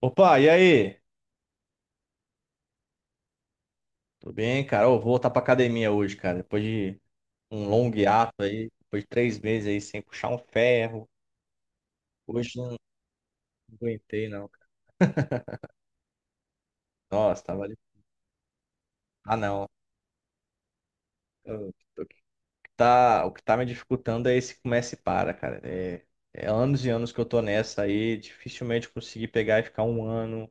Opa, e aí? Tudo bem, cara? Eu vou voltar pra academia hoje, cara. Depois de um longo hiato aí, depois de 3 meses aí sem puxar um ferro. Hoje não aguentei, não, cara. Nossa, tava ali. Ah, não. Eu- O que tá, o que tá me dificultando é esse começa e para, cara. É anos e anos que eu tô nessa aí. Dificilmente eu consegui pegar e ficar um ano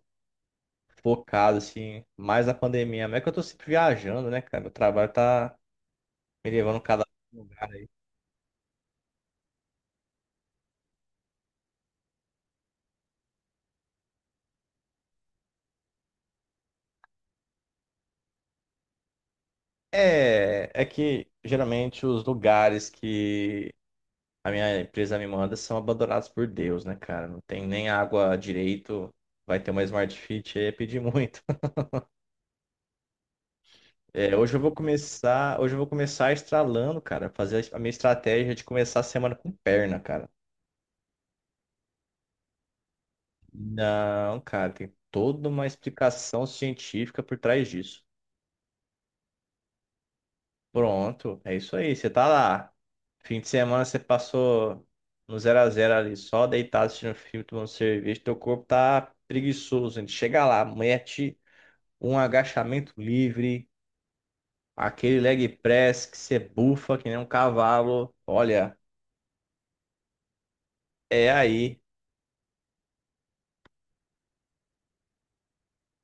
focado, assim. Mais a pandemia. Mas é que eu tô sempre viajando, né, cara? Meu trabalho tá me levando cada lugar. É que geralmente os lugares que a minha empresa me manda são abandonados por Deus, né, cara? Não tem nem água direito. Vai ter uma Smart Fit aí, é pedir muito. É, hoje eu vou começar estralando, cara, fazer a minha estratégia de começar a semana com perna, cara. Não, cara, tem toda uma explicação científica por trás disso. Pronto, é isso aí, você tá lá. Fim de semana você passou no 0-0 ali, só deitado assistindo filme, tomando cerveja, teu corpo tá preguiçoso, gente. Chega lá, mete um agachamento livre, aquele leg press que você bufa que nem um cavalo. Olha, é aí.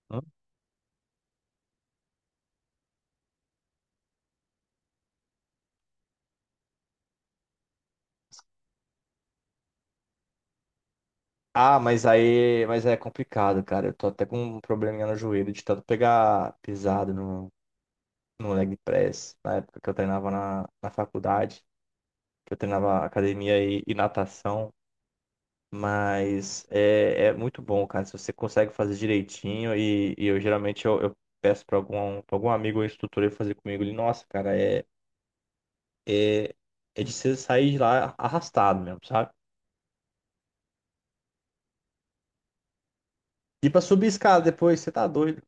Hã? Ah, mas aí, mas é complicado, cara. Eu tô até com um probleminha no joelho de tanto pegar pisado no leg press na época que eu treinava na faculdade. Que eu treinava academia e natação, mas é muito bom, cara, se você consegue fazer direitinho e eu geralmente eu peço pra algum amigo ou instrutor ele fazer comigo, ele, nossa, cara, é, é de você sair de lá arrastado mesmo, sabe? E pra subir escada depois, você tá doido.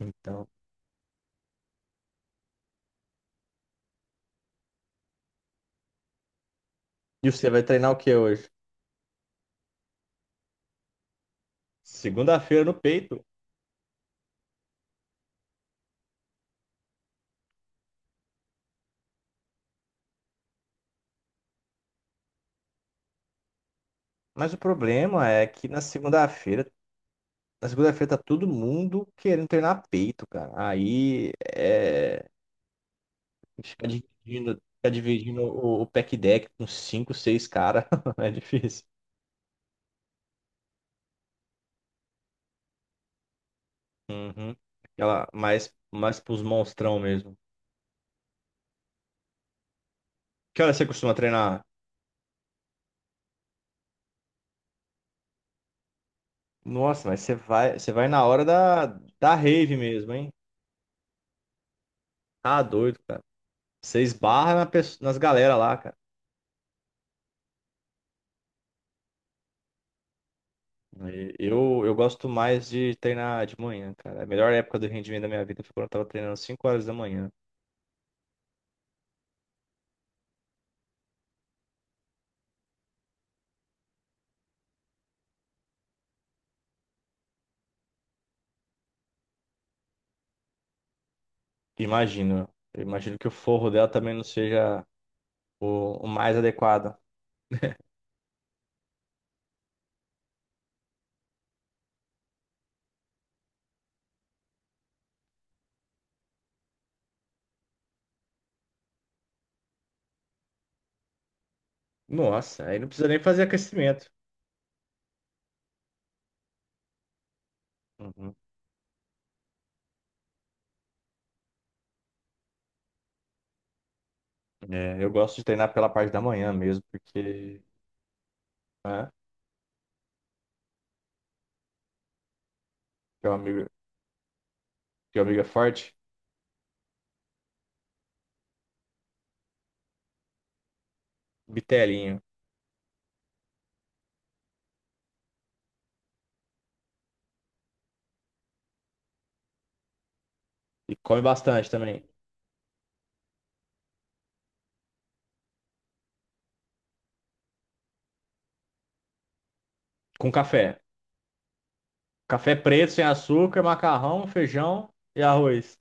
Então, e você vai treinar o que hoje? Segunda-feira no peito. Mas o problema é que na segunda-feira tá todo mundo querendo treinar peito, cara. Aí é ficar dividindo o pack deck com cinco, seis caras é difícil. Uhum. Aquela, mais, mais pros monstrão mesmo. Que hora você costuma treinar? Nossa, mas você vai na hora da rave mesmo, hein? Tá doido, cara. Você esbarra nas galera lá, cara. E eu gosto mais de treinar de manhã, cara. A melhor época do rendimento da minha vida foi quando eu tava treinando às 5 horas da manhã. Imagino, eu imagino que o forro dela também não seja o mais adequado. Nossa, aí não precisa nem fazer aquecimento. Uhum. É, eu gosto de treinar pela parte da manhã mesmo, porque né, teu amigo, teu amigo é forte. Bitelinho. E come bastante também. Com café. Café preto, sem açúcar, macarrão, feijão e arroz.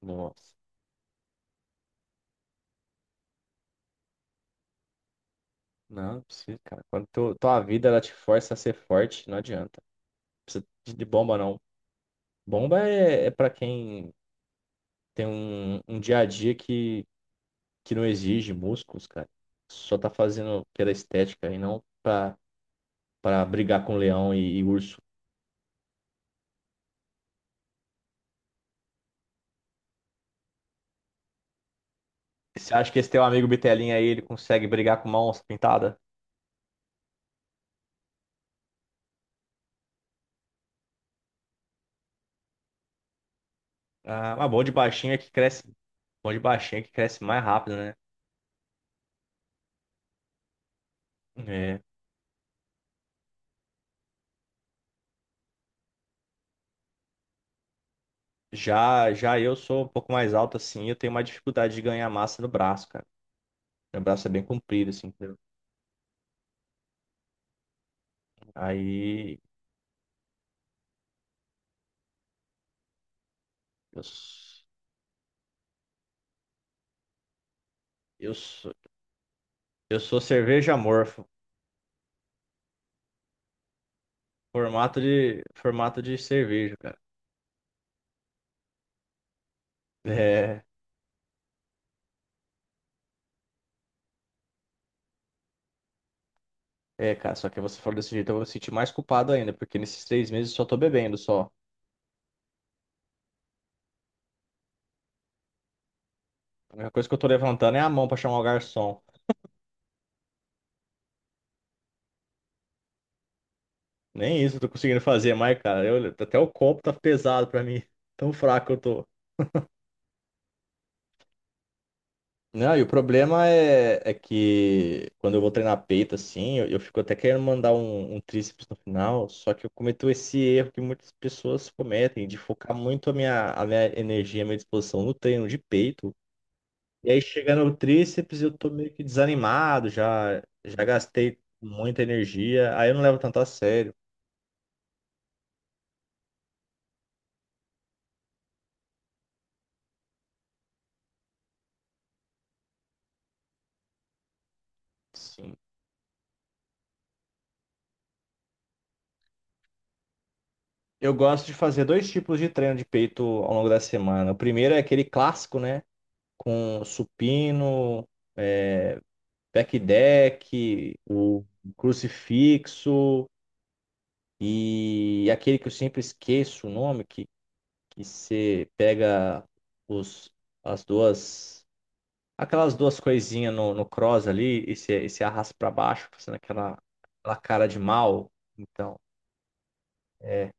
Nossa, não, não precisa, cara. Quando tua vida ela te força a ser forte, não adianta. Não precisa de bomba, não. Bomba é para quem tem um dia a dia que não exige músculos, cara. Só tá fazendo pela estética e não pra brigar com leão e urso. Você acha que esse teu amigo Bitelinha aí, ele consegue brigar com uma onça pintada? Ah, mas bom de baixinho é que cresce. Bom de baixinho é que cresce mais rápido, né? É. Já eu sou um pouco mais alto assim, eu tenho mais dificuldade de ganhar massa no braço, cara. Meu braço é bem comprido, assim, entendeu? Aí eu, s- eu, sou- eu sou cerveja amorfo, formato de cerveja, cara. É, é, cara, só que você falou desse jeito, eu vou me sentir mais culpado ainda, porque nesses 3 meses eu só tô bebendo só. A única coisa que eu tô levantando é a mão pra chamar o garçom. Nem isso eu tô conseguindo fazer mais, cara. Até o copo tá pesado pra mim. Tão fraco que eu tô. Não, e o problema é que quando eu vou treinar peito, assim, eu fico até querendo mandar um tríceps no final, só que eu cometo esse erro que muitas pessoas cometem, de focar muito a minha energia, a minha disposição no treino de peito. E aí chega no tríceps, eu tô meio que desanimado, já, já gastei muita energia, aí eu não levo tanto a sério. Sim. Eu gosto de fazer dois tipos de treino de peito ao longo da semana. O primeiro é aquele clássico, né? Com supino, é, back deck, o crucifixo e aquele que eu sempre esqueço o nome, que você pega os, as duas. Aquelas duas coisinhas no cross ali, esse arrasta pra baixo, fazendo aquela cara de mal. Então, é.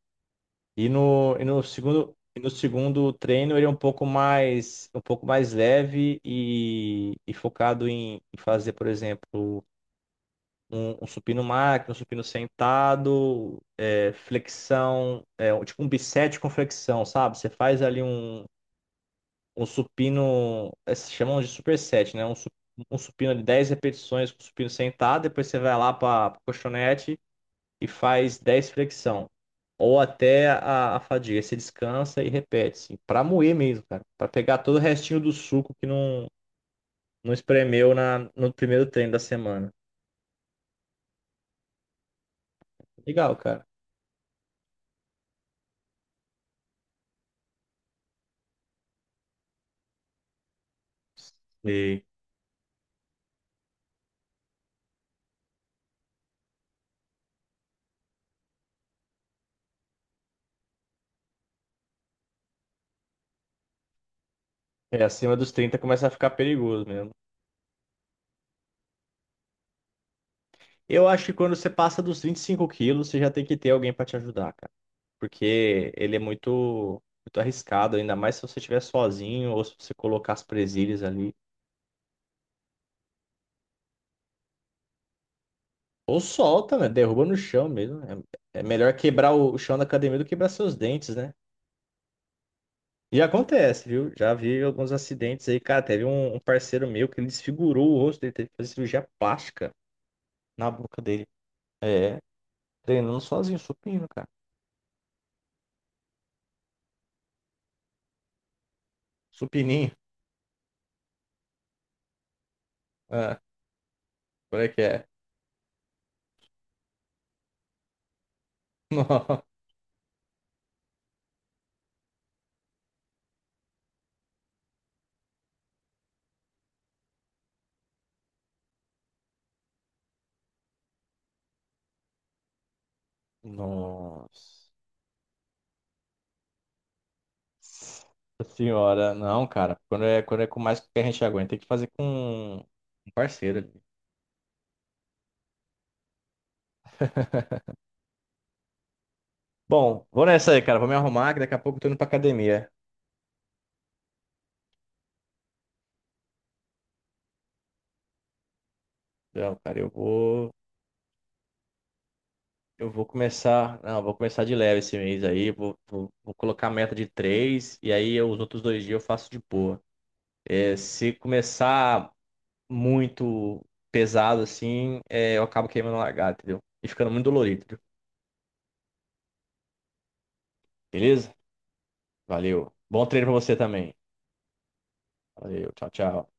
E no segundo treino ele é um pouco mais leve e focado em fazer, por exemplo, um supino máquina, um supino sentado, é, flexão, é, um, tipo um bicep com flexão, sabe? Você faz ali um supino, é, se chamam de superset, né? Um supino de 10 repetições com supino sentado, depois você vai lá para colchonete e faz 10 flexão. Ou até a fadiga. Você descansa e repete, assim, para moer mesmo, cara. Para pegar todo o restinho do suco que não espremeu no primeiro treino da semana. Legal, cara. E É, acima dos 30 começa a ficar perigoso mesmo. Eu acho que quando você passa dos 25 quilos, você já tem que ter alguém para te ajudar, cara. Porque ele é muito, muito arriscado, ainda mais se você estiver sozinho ou se você colocar as presilhas ali. Ou solta, né? Derruba no chão mesmo. É melhor quebrar o chão da academia do que quebrar seus dentes, né? E acontece, viu? Já vi alguns acidentes aí, cara. Teve um parceiro meu que ele desfigurou o rosto dele, teve que fazer cirurgia plástica na boca dele. É, treinando sozinho, supino, cara. Supininho. Ah, como é que é? Nossa senhora, não, cara. Quando é com mais que a gente aguenta, tem que fazer com um parceiro ali. Bom, vou nessa aí, cara. Vou me arrumar que daqui a pouco eu tô indo pra academia. Não, cara, eu vou. Eu vou começar. Não, eu vou começar de leve esse mês aí. Vou colocar a meta de três e aí os outros 2 dias eu faço de boa. É, se começar muito pesado assim, é, eu acabo queimando a largada, entendeu? E ficando muito dolorido, entendeu? Beleza? Valeu. Bom treino pra você também. Valeu, tchau, tchau.